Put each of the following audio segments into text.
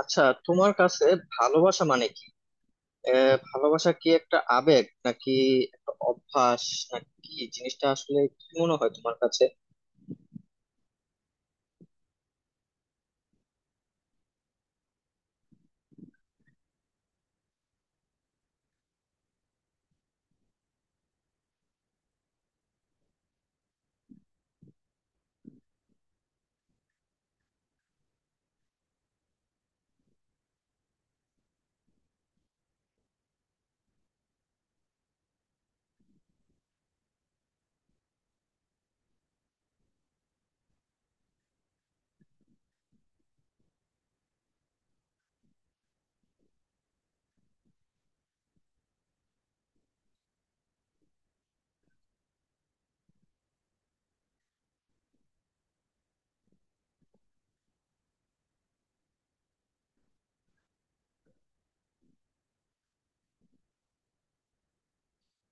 আচ্ছা, তোমার কাছে ভালোবাসা মানে কি? ভালোবাসা কি একটা আবেগ, নাকি একটা অভ্যাস, নাকি কি জিনিসটা? আসলে কি মনে হয় তোমার কাছে?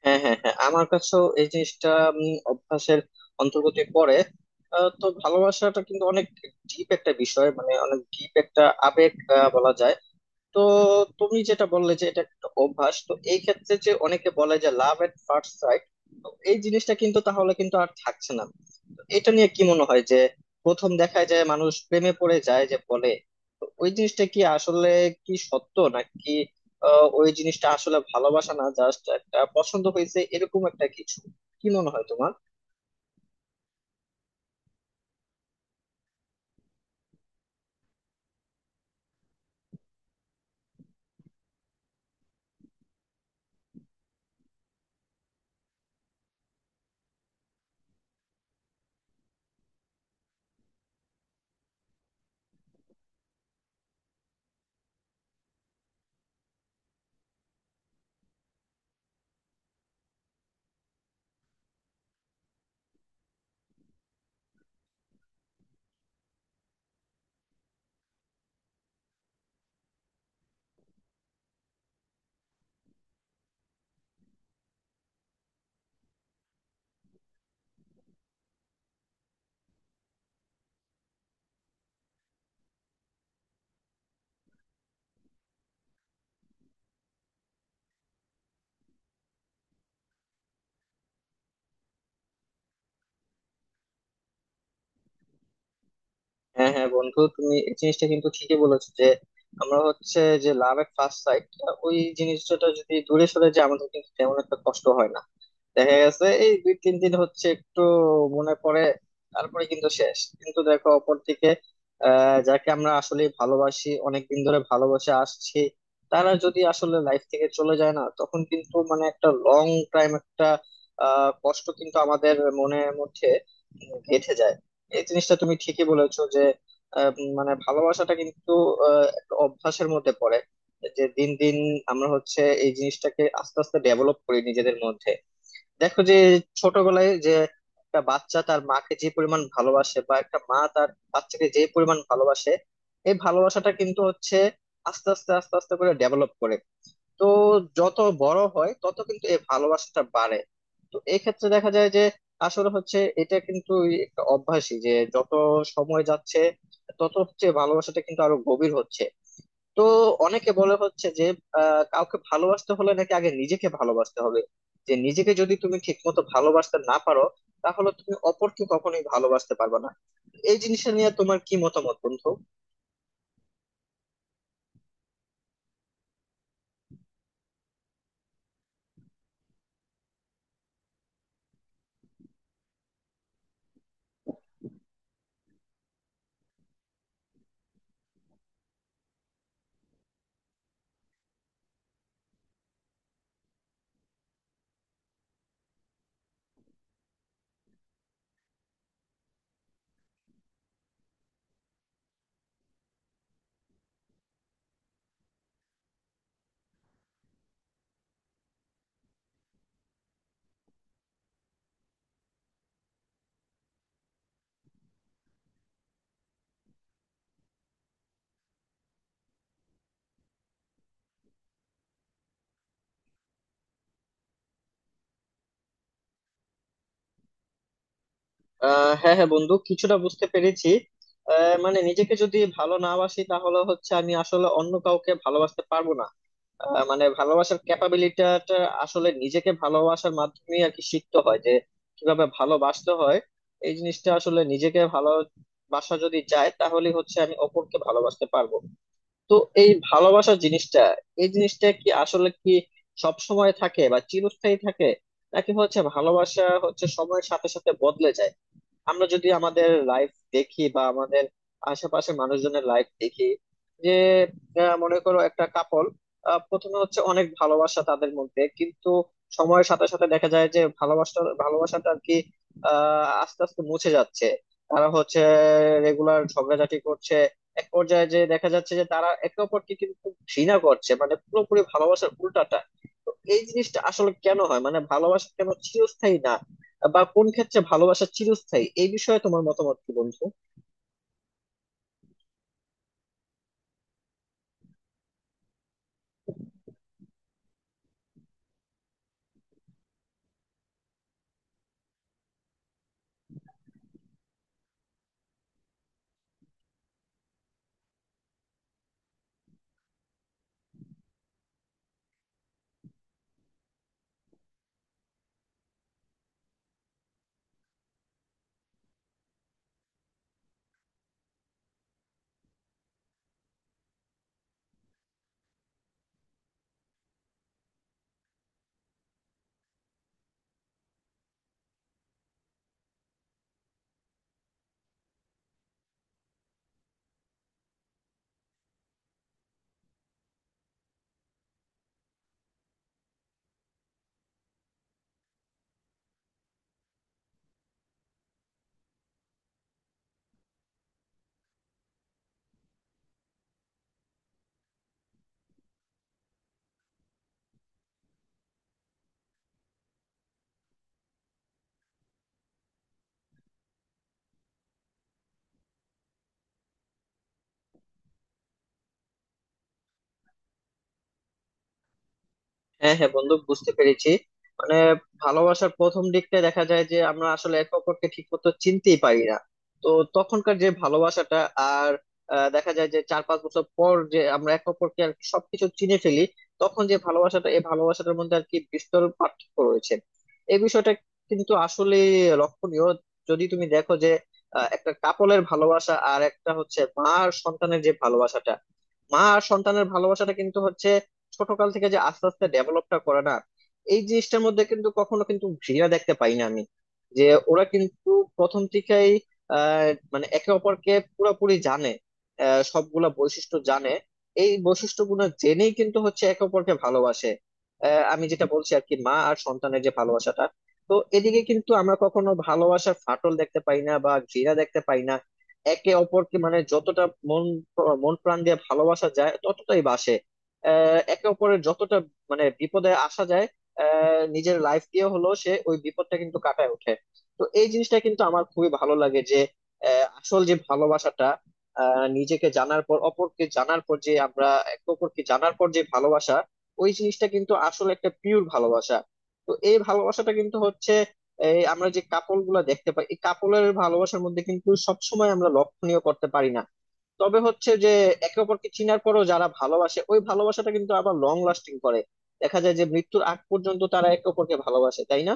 হ্যাঁ হ্যাঁ হ্যাঁ, আমার কাছেও এই জিনিসটা অভ্যাসের অন্তর্গত পড়ে। তো ভালোবাসাটা কিন্তু অনেক ডিপ একটা বিষয়, মানে অনেক ডিপ একটা আবেগ বলা যায়। তো তুমি যেটা বললে যে এটা একটা অভ্যাস, তো এই ক্ষেত্রে যে অনেকে বলে যে লাভ এট ফার্স্ট সাইট, তো এই জিনিসটা কিন্তু তাহলে কিন্তু আর থাকছে না। এটা নিয়ে কি মনে হয় যে প্রথম দেখায় যায় মানুষ প্রেমে পড়ে যায় যে বলে, তো ওই জিনিসটা কি আসলে কি সত্য? নাকি ওই জিনিসটা আসলে ভালোবাসা না, জাস্ট একটা পছন্দ হয়েছে এরকম একটা কিছু? কি মনে হয় তোমার? হ্যাঁ হ্যাঁ বন্ধু, তুমি এই জিনিসটা কিন্তু ঠিকই বলেছো যে আমরা হচ্ছে যে লাভ এট ফার্স্ট সাইট ওই জিনিসটা যদি দূরে সরে যায়, আমাদের কিন্তু তেমন একটা কষ্ট হয় না। দেখা গেছে এই দুই তিন দিন হচ্ছে একটু মনে পড়ে, তারপরে কিন্তু শেষ। কিন্তু দেখো অপরদিকে যাকে আমরা আসলে ভালোবাসি, অনেকদিন ধরে ভালোবাসে আসছি, তারা যদি আসলে লাইফ থেকে চলে যায় না, তখন কিন্তু মানে একটা লং টাইম একটা কষ্ট কিন্তু আমাদের মনের মধ্যে গেঁথে যায়। এই জিনিসটা তুমি ঠিকই বলেছো যে মানে ভালোবাসাটা কিন্তু একটা অভ্যাসের মধ্যে পড়ে, যে দিন দিন আমরা হচ্ছে এই জিনিসটাকে আস্তে আস্তে ডেভেলপ করি নিজেদের মধ্যে। দেখো যে ছোটবেলায় যে একটা বাচ্চা তার মাকে যে পরিমাণ ভালোবাসে, বা একটা মা তার বাচ্চাকে যে পরিমাণ ভালোবাসে, এই ভালোবাসাটা কিন্তু হচ্ছে আস্তে আস্তে আস্তে আস্তে করে ডেভেলপ করে। তো যত বড় হয় তত কিন্তু এই ভালোবাসাটা বাড়ে। তো এই ক্ষেত্রে দেখা যায় যে আসলে হচ্ছে এটা কিন্তু একটা অভ্যাসই, যে যত সময় যাচ্ছে তত হচ্ছে ভালোবাসাটা কিন্তু আরো গভীর হচ্ছে। তো অনেকে বলে হচ্ছে যে কাউকে ভালোবাসতে হলে নাকি আগে নিজেকে ভালোবাসতে হবে, যে নিজেকে যদি তুমি ঠিক মতো ভালোবাসতে না পারো, তাহলে তুমি অপরকে কখনোই ভালোবাসতে পারবে না। এই জিনিসটা নিয়ে তোমার কি মতামত বন্ধু? হ্যাঁ হ্যাঁ বন্ধু, কিছুটা বুঝতে পেরেছি। মানে নিজেকে যদি ভালো না বাসি, তাহলে হচ্ছে আমি আসলে অন্য কাউকে ভালোবাসতে পারবো না। মানে ভালোবাসার ক্যাপাবিলিটিটা আসলে নিজেকে ভালোবাসার মাধ্যমে আর কি শিখতে হয়, যে কিভাবে ভালোবাসতে হয়। এই জিনিসটা আসলে নিজেকে ভালোবাসা যদি যায়, তাহলে হচ্ছে আমি অপরকে ভালোবাসতে পারবো। তো এই ভালোবাসা জিনিসটা, এই জিনিসটা কি আসলে কি সব সময় থাকে বা চিরস্থায়ী থাকে, নাকি হচ্ছে ভালোবাসা হচ্ছে সময়ের সাথে সাথে বদলে যায়? আমরা যদি আমাদের লাইফ দেখি বা আমাদের আশেপাশে মানুষজনের লাইফ দেখি, যে মনে করো একটা কাপল, প্রথমে হচ্ছে অনেক ভালোবাসা তাদের মধ্যে, কিন্তু সময়ের সাথে সাথে দেখা যায় যে ভালোবাসা ভালোবাসাটা আর কি আস্তে আস্তে মুছে যাচ্ছে। তারা হচ্ছে রেগুলার ঝগড়াঝাটি করছে, এক পর্যায়ে যে দেখা যাচ্ছে যে তারা একে অপরকে কিন্তু ঘৃণা করছে, মানে পুরোপুরি ভালোবাসার উল্টাটা। তো এই জিনিসটা আসলে কেন হয়, মানে ভালোবাসা কেন চিরস্থায়ী না, বা কোন ক্ষেত্রে ভালোবাসা চিরস্থায়ী, এই বিষয়ে তোমার মতামত কি বন্ধু? হ্যাঁ হ্যাঁ বন্ধু, বুঝতে পেরেছি। মানে ভালোবাসার প্রথম দিকটা দেখা যায় যে আমরা আসলে একে অপরকে ঠিক মতো চিনতেই পারি না, তো তখনকার যে ভালোবাসাটা আর দেখা যায় যে চার পাঁচ বছর পর যে আমরা একে অপরকে আর কি সবকিছু চিনে ফেলি, তখন যে ভালোবাসাটা, এই ভালোবাসাটার মধ্যে আর কি বিস্তর পার্থক্য রয়েছে। এই বিষয়টা কিন্তু আসলে লক্ষণীয়। যদি তুমি দেখো যে একটা কাপলের ভালোবাসা আর একটা হচ্ছে মা আর সন্তানের যে ভালোবাসাটা, মা আর সন্তানের ভালোবাসাটা কিন্তু হচ্ছে ছোটকাল থেকে যে আস্তে আস্তে ডেভেলপটা করে না। এই জিনিসটার মধ্যে কিন্তু কখনো কিন্তু ঘৃণা দেখতে পাই না আমি। যে ওরা কিন্তু প্রথম থেকেই আহ মানে একে অপরকে পুরোপুরি জানে, সবগুলা বৈশিষ্ট্য জানে। এই বৈশিষ্ট্যগুলো জেনেই কিন্তু হচ্ছে একে অপরকে ভালোবাসে। আমি যেটা বলছি আর কি, মা আর সন্তানের যে ভালোবাসাটা, তো এদিকে কিন্তু আমরা কখনো ভালোবাসার ফাটল দেখতে পাই না বা ঘৃণা দেখতে পাই না। একে অপরকে মানে যতটা মন মন প্রাণ দিয়ে ভালোবাসা যায় ততটাই বাসে। একে অপরের যতটা মানে বিপদে আসা যায়, নিজের লাইফ দিয়ে হলেও সে ওই বিপদটা কিন্তু কাটায় ওঠে। তো এই জিনিসটা কিন্তু আমার খুবই ভালো লাগে যে আসল যে ভালোবাসাটা, নিজেকে জানার পর অপরকে জানার পর যে আমরা একে অপরকে জানার পর যে ভালোবাসা, ওই জিনিসটা কিন্তু আসলে একটা পিওর ভালোবাসা। তো এই ভালোবাসাটা কিন্তু হচ্ছে, এই আমরা যে কাপল গুলা দেখতে পাই, এই কাপলের ভালোবাসার মধ্যে কিন্তু সবসময় আমরা লক্ষণীয় করতে পারি না। তবে হচ্ছে যে একে অপরকে চিনার পরও যারা ভালোবাসে, ওই ভালোবাসাটা কিন্তু আবার লং লাস্টিং করে। দেখা যায় যে মৃত্যুর আগ পর্যন্ত তারা একে অপরকে ভালোবাসে, তাই না?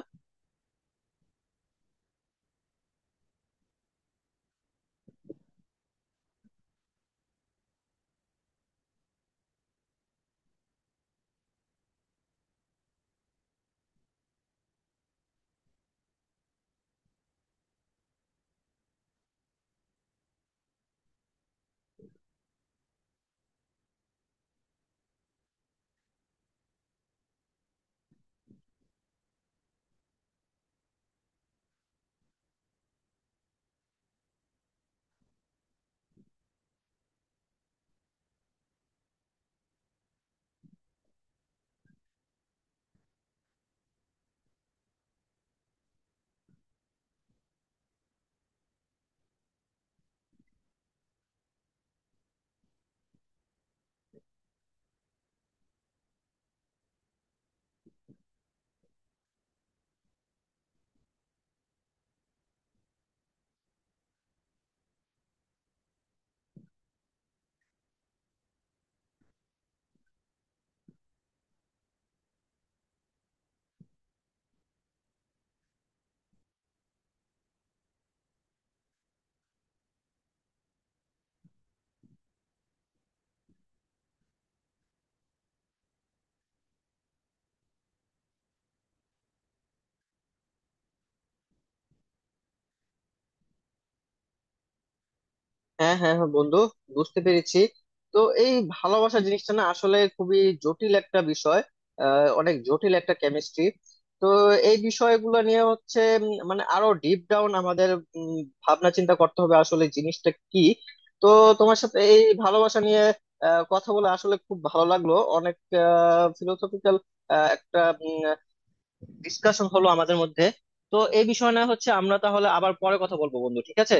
হ্যাঁ হ্যাঁ হ্যাঁ বন্ধু, বুঝতে পেরেছি। তো এই ভালোবাসা জিনিসটা না আসলে খুবই জটিল একটা বিষয়, অনেক জটিল একটা কেমিস্ট্রি। তো এই বিষয়গুলো নিয়ে হচ্ছে মানে আরো ডিপ ডাউন আমাদের উম, ভাবনা চিন্তা করতে হবে আসলে জিনিসটা কি। তো তোমার সাথে এই ভালোবাসা নিয়ে কথা বলে আসলে খুব ভালো লাগলো, অনেক ফিলোসফিক্যাল একটা ডিসকাশন হলো আমাদের মধ্যে। তো এই বিষয় না হচ্ছে আমরা তাহলে আবার পরে কথা বলবো বন্ধু, ঠিক আছে।